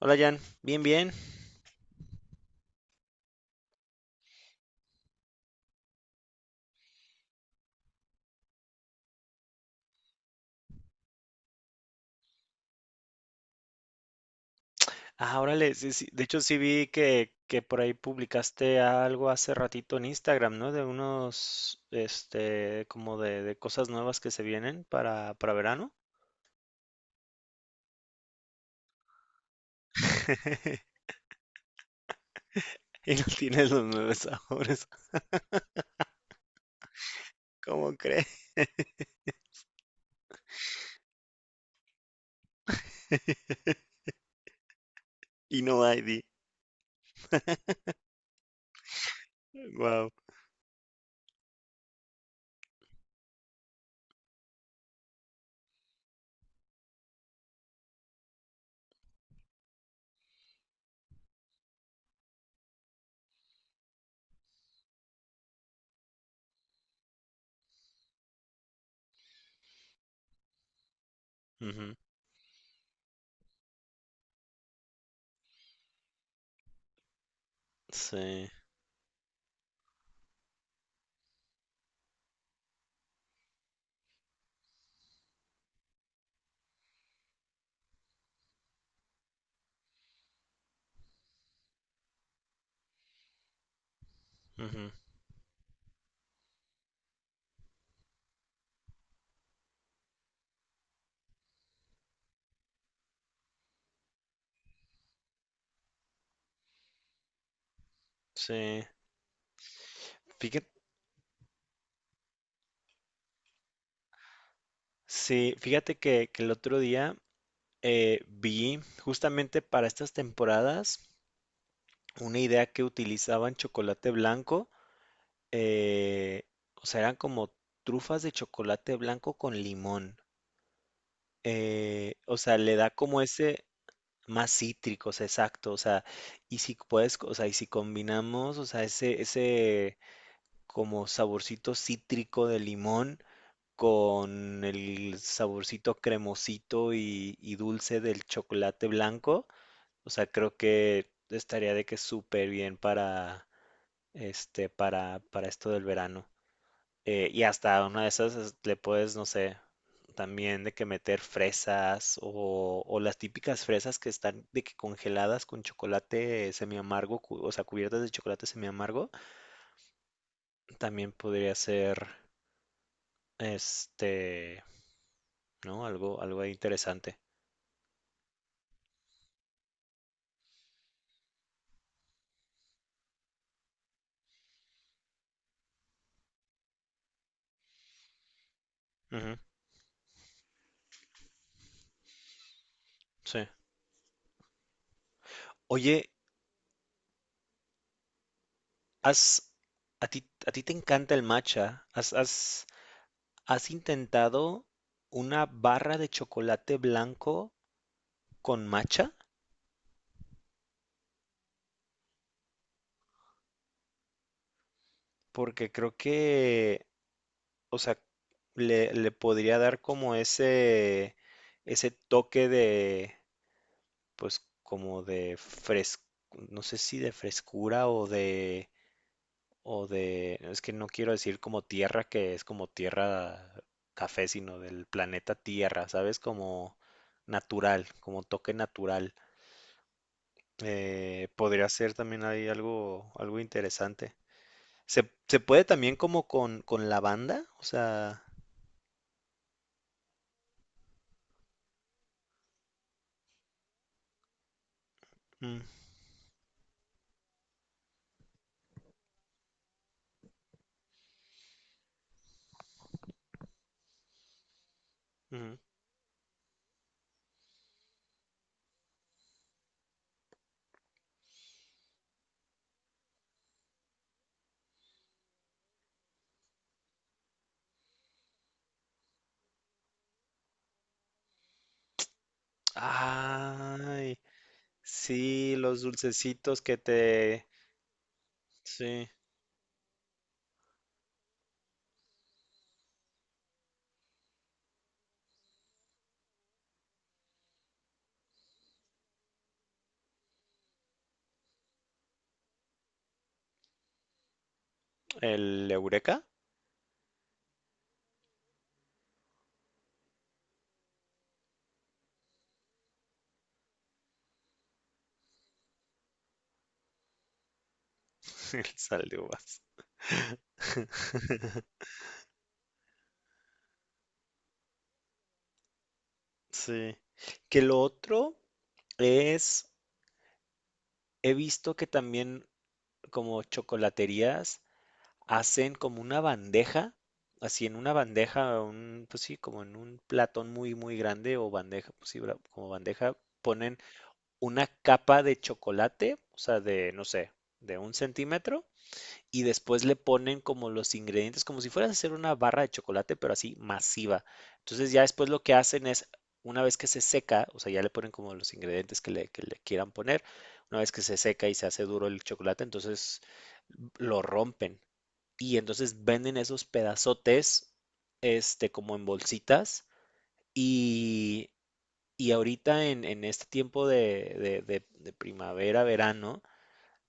Hola Jan, bien, bien. Ah, órale, sí, sí, de hecho, sí vi que por ahí publicaste algo hace ratito en Instagram, ¿no? De unos, como de cosas nuevas que se vienen para verano. Y no tienes los nueve sabores. ¿Cómo crees? Y no hay, di. Wow. Ujú. Sí, ujú, sí. Fíjate, sí, fíjate que el otro día vi justamente para estas temporadas una idea que utilizaban chocolate blanco, eh, o sea, eran como trufas de chocolate blanco con limón. O sea, le da como ese más cítrico, o sea, exacto. O sea, y si puedes, o sea, y si combinamos, o sea, ese como saborcito cítrico de limón con el saborcito cremosito y dulce del chocolate blanco, o sea, creo que estaría de que súper bien para para, esto del verano. Y hasta una de esas le puedes, no sé, también de que meter fresas o las típicas fresas que están de que congeladas con chocolate semiamargo, o sea, cubiertas de chocolate semiamargo, también podría ser, este, ¿no? Algo, algo ahí interesante. Ujú, sí. Oye, has, a ti, a ti te encanta el matcha. ¿Has intentado una barra de chocolate blanco con matcha? Porque creo que, o sea, le podría dar como ese toque de, pues, como no sé si de frescura o de, es que no quiero decir como tierra, que es como tierra café, sino del planeta Tierra, ¿sabes? Como natural, como toque natural. Podría ser también ahí algo, algo interesante. ¿Se puede también como con lavanda? O sea. Mm. Ujú. Ay, sí, los dulcecitos que te. Sí, el Eureka, el sal de uvas. Sí. Que lo otro es, he visto que también como chocolaterías hacen como una bandeja, así en una bandeja, un, pues sí, como en un platón muy, muy grande o bandeja, pues sí, como bandeja, ponen una capa de chocolate, o sea, de, no sé, de un centímetro, y después le ponen como los ingredientes, como si fueras a hacer una barra de chocolate, pero así masiva. Entonces ya después lo que hacen es, una vez que se seca, o sea, ya le ponen como los ingredientes que le quieran poner, una vez que se seca y se hace duro el chocolate, entonces lo rompen. Y entonces venden esos pedazotes, como en bolsitas. Y y ahorita en, este tiempo de primavera, verano,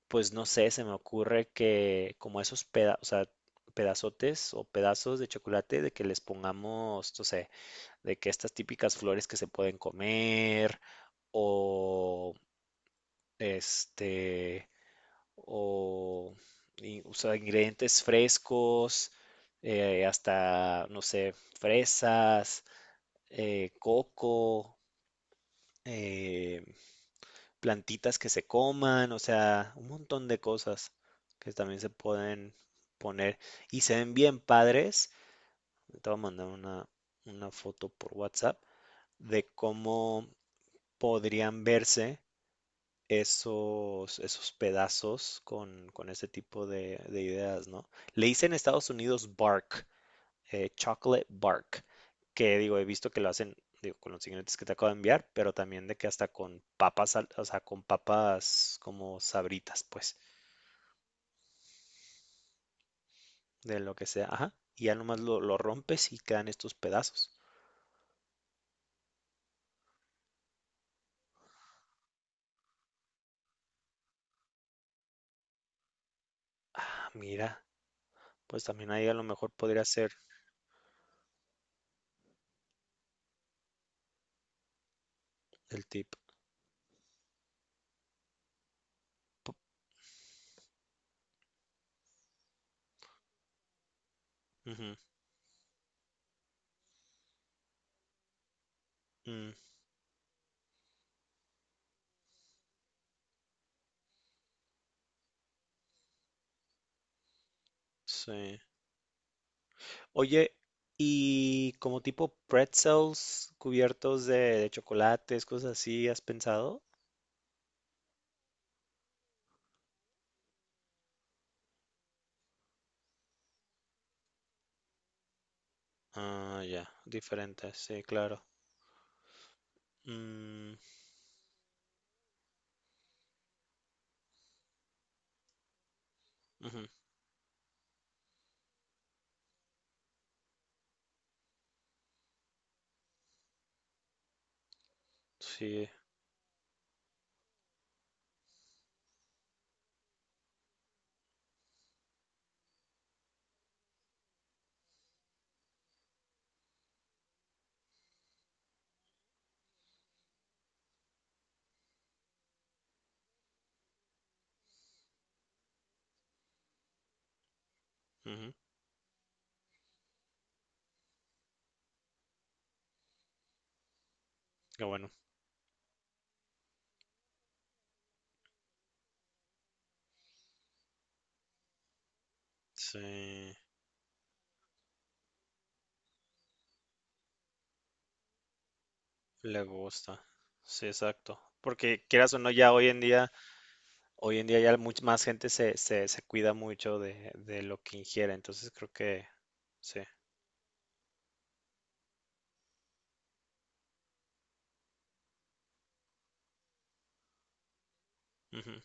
pues no sé, se me ocurre que como esos o sea, pedazotes o pedazos de chocolate, de que les pongamos, no sé, de que estas típicas flores que se pueden comer, o este, o, y- o sea, ingredientes frescos, hasta, no sé, fresas, coco, eh, plantitas que se coman, o sea, un montón de cosas que también se pueden poner y se ven bien padres. Te voy a mandar una foto por WhatsApp de cómo podrían verse esos pedazos con ese tipo de ideas, ¿no? Le hice en Estados Unidos bark, chocolate bark, que digo, he visto que lo hacen, digo, con los ingredientes que te acabo de enviar, pero también de que hasta con papas, o sea, con papas como sabritas, pues, de lo que sea, ajá. Y ya nomás lo rompes y quedan estos pedazos. Ah, mira, pues también ahí a lo mejor podría ser el tip. Ujú, mm, sí. Oye, y como tipo pretzels cubiertos de chocolates, cosas así, ¿has pensado? Ah, ya, diferentes, sí, claro. Mm. Ujú. Sí, ujú. Qué bueno. Sí, le gusta. Sí, exacto. Porque quieras o no, ya hoy en día ya más gente se cuida mucho de lo que ingiere. Entonces creo que sí. Ujú,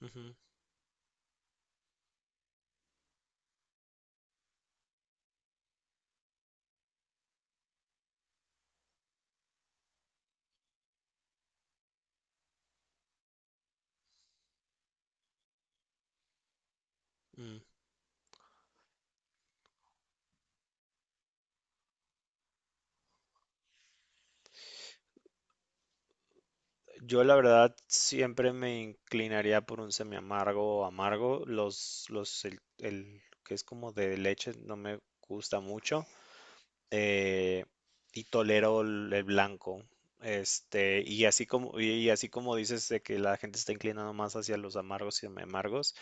ujú, mm. Yo la verdad siempre me inclinaría por un semiamargo o amargo. El que es como de leche no me gusta mucho, eh, y tolero el blanco. Y así como, y así como dices de que la gente está inclinando más hacia los amargos y amargos,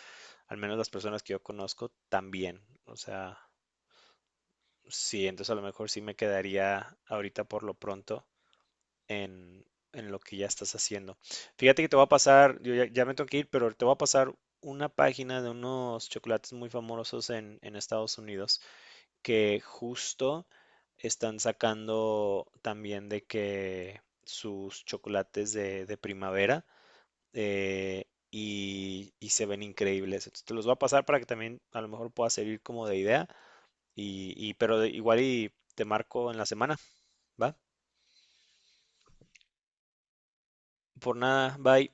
al menos las personas que yo conozco también. O sea, sí, entonces a lo mejor sí me quedaría ahorita por lo pronto en, en, lo que ya estás haciendo. Fíjate que te voy a pasar, yo ya, ya me tengo que ir, pero te voy a pasar una página de unos chocolates muy famosos en Estados Unidos que justo están sacando también de que sus chocolates de primavera, eh, y se ven increíbles. Entonces te los voy a pasar para que también a lo mejor pueda servir como de idea y pero igual y te marco en la semana, ¿va? Por nada, bye.